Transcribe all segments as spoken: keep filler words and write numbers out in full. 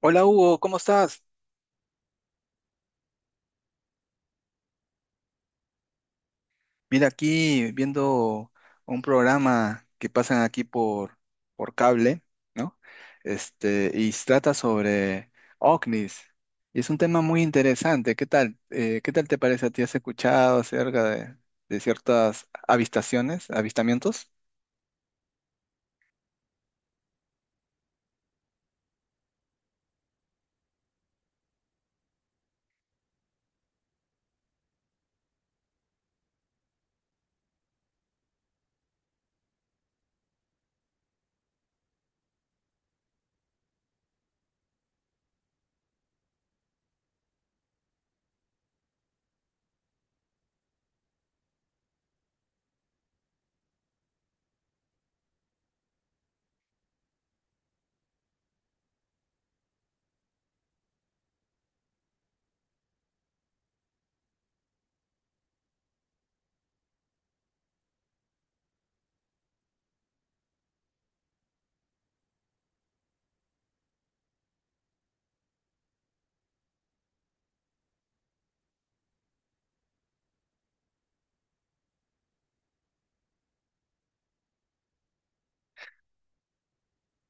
Hola Hugo, ¿cómo estás? Mira, aquí viendo un programa que pasan aquí por, por cable, ¿no? Este, y se trata sobre OVNIs. Y es un tema muy interesante. ¿Qué tal? Eh, ¿qué tal te parece a ti? ¿Has escuchado acerca de, de ciertas avistaciones, avistamientos?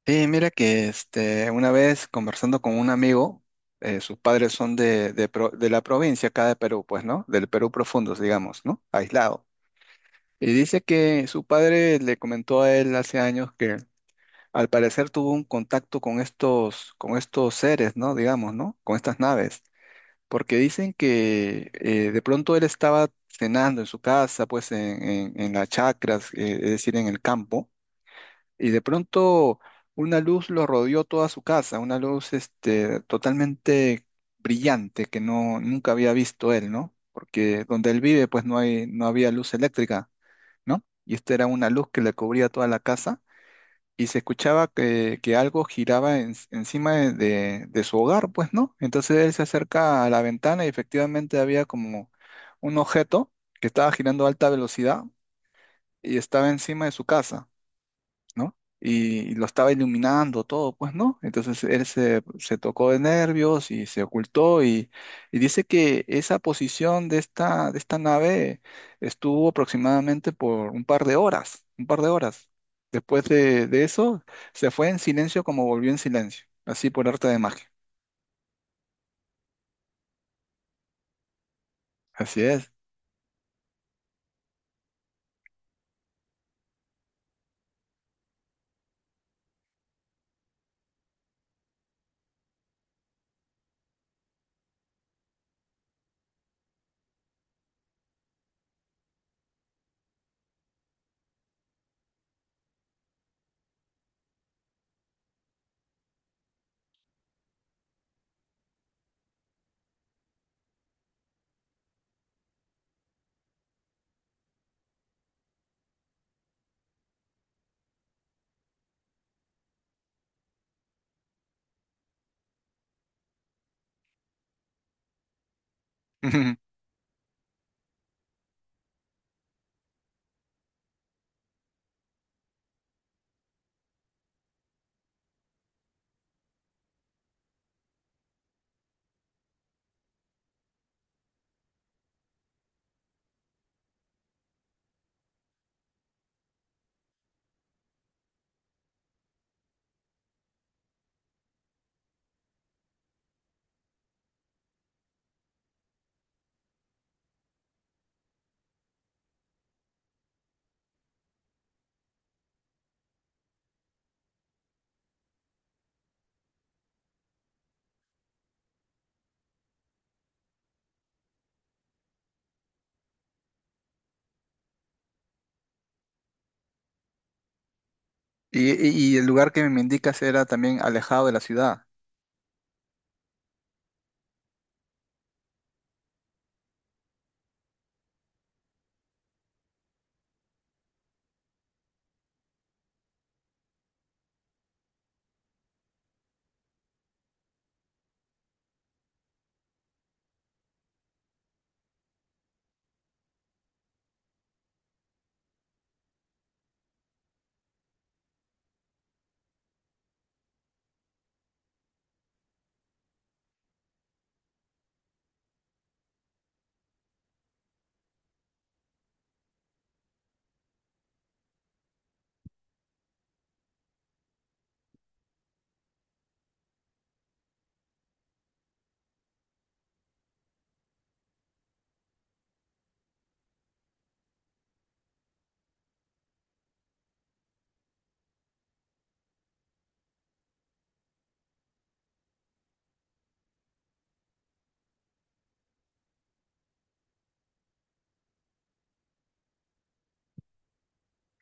Sí, mira que este, una vez conversando con un amigo, eh, sus padres son de, de pro- de la provincia acá de Perú, pues, ¿no? Del Perú profundo, digamos, ¿no? Aislado. Y dice que su padre le comentó a él hace años que al parecer tuvo un contacto con estos, con estos seres, ¿no? Digamos, ¿no? Con estas naves. Porque dicen que eh, de pronto él estaba cenando en su casa, pues en, en, en las chacras, eh, es decir, en el campo, y de pronto una luz lo rodeó toda su casa, una luz este, totalmente brillante que no, nunca había visto él, ¿no? Porque donde él vive, pues no hay, no había luz eléctrica, ¿no? Y esta era una luz que le cubría toda la casa, y se escuchaba que, que algo giraba en- encima de, de- de su hogar, pues, ¿no? Entonces él se acerca a la ventana y efectivamente había como un objeto que estaba girando a alta velocidad y estaba encima de su casa, ¿no? Y, y lo estaba iluminando todo, pues, ¿no? Entonces él se, se tocó de nervios y se ocultó, y, y dice que esa posición de esta, de esta nave estuvo aproximadamente por un par de horas, un par de horas. Después de, de eso, se fue en silencio como volvió en silencio, así por arte de magia. Así es. Y, y- y el lugar que me indicas era también alejado de la ciudad.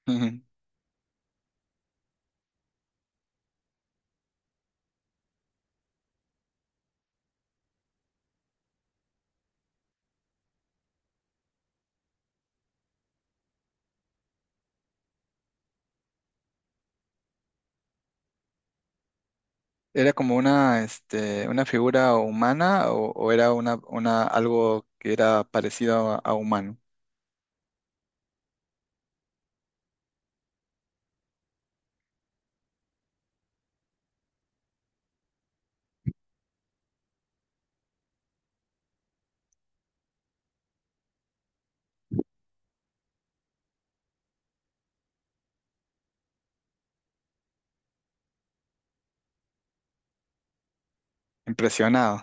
¿Era como una, este, una figura humana? ¿O, o era una, una, algo que era parecido a, a humano? Impresionado.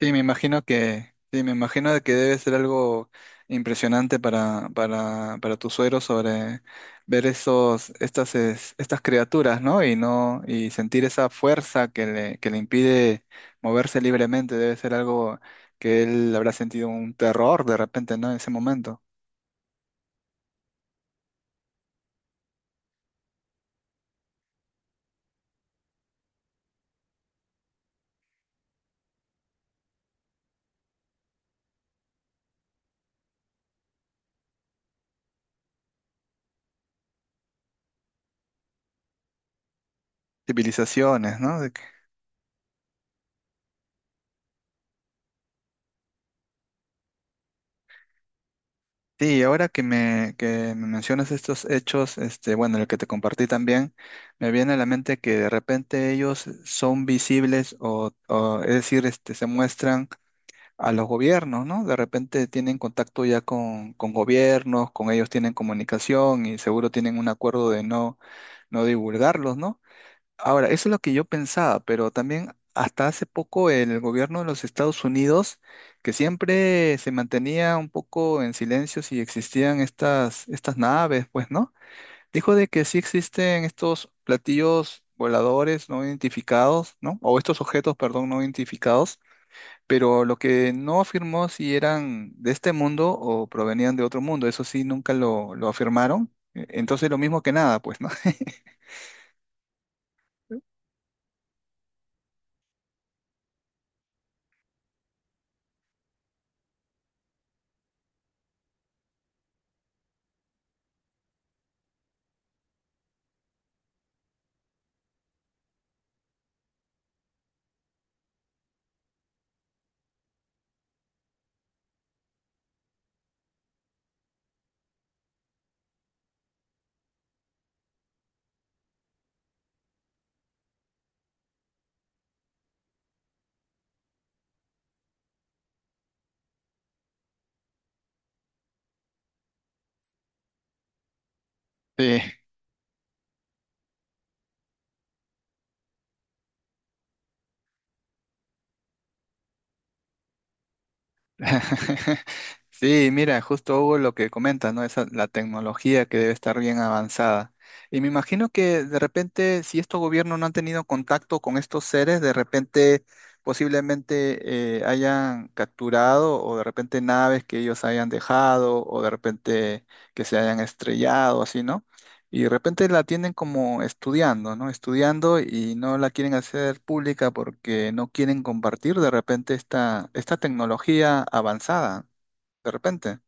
Sí, me imagino que, sí, me imagino de que debe ser algo impresionante para, para, para tu suegro sobre ver esos, estas, es- estas criaturas, ¿no? Y no, y sentir esa fuerza que le, que le impide moverse libremente. Debe ser algo que él habrá sentido un terror de repente, ¿no? En ese momento. Civilizaciones, ¿no? Sí, ahora que me, que me mencionas estos hechos, este, bueno, el que te compartí también, me viene a la mente que de repente ellos son visibles o, o, es decir, este, se muestran a los gobiernos, ¿no? De repente tienen contacto ya con, con gobiernos, con ellos tienen comunicación y seguro tienen un acuerdo de no, no divulgarlos, ¿no? Ahora, eso es lo que yo pensaba, pero también hasta hace poco el gobierno de los Estados Unidos, que siempre se mantenía un poco en silencio si existían estas, estas naves, pues, ¿no? Dijo de que sí existen estos platillos voladores no identificados, ¿no? O estos objetos, perdón, no identificados, pero lo que no afirmó si eran de este mundo o provenían de otro mundo, eso sí, nunca lo, lo afirmaron. e-, Entonces, lo mismo que nada, pues, ¿no? Sí. Sí, mira, justo hubo lo que comentas, ¿no? Esa, la tecnología que debe estar bien avanzada. Y me imagino que de repente, si estos gobiernos no han tenido contacto con estos seres, de repente posiblemente eh, hayan capturado, o de repente naves que ellos hayan dejado, o de repente que se hayan estrellado, así, ¿no? Y de repente la tienen como estudiando, ¿no? Estudiando, y no la quieren hacer pública porque no quieren compartir de repente esta, esta tecnología avanzada, de repente.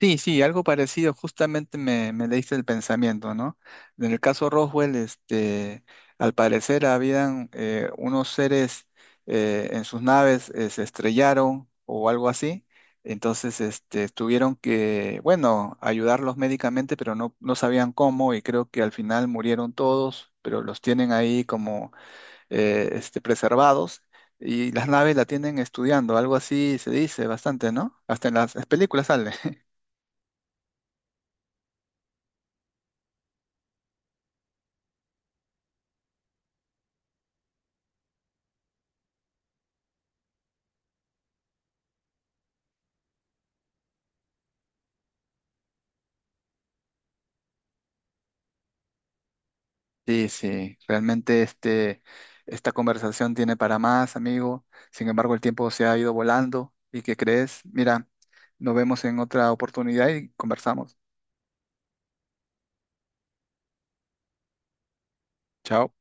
Sí, sí, algo parecido, justamente me, me leíste el pensamiento, ¿no? En el caso Roswell, este, al parecer habían eh, unos seres eh, en sus naves, eh, se estrellaron o algo así, entonces este, tuvieron que, bueno, ayudarlos médicamente, pero no, no sabían cómo, y creo que al final murieron todos, pero los tienen ahí como eh, este, preservados. Y las naves la tienen estudiando, algo así se dice bastante, ¿no? Hasta en las películas sale. Sí, sí, realmente este, esta conversación tiene para más, amigo. Sin embargo, el tiempo se ha ido volando. ¿Y qué crees? Mira, nos vemos en otra oportunidad y conversamos. Chao.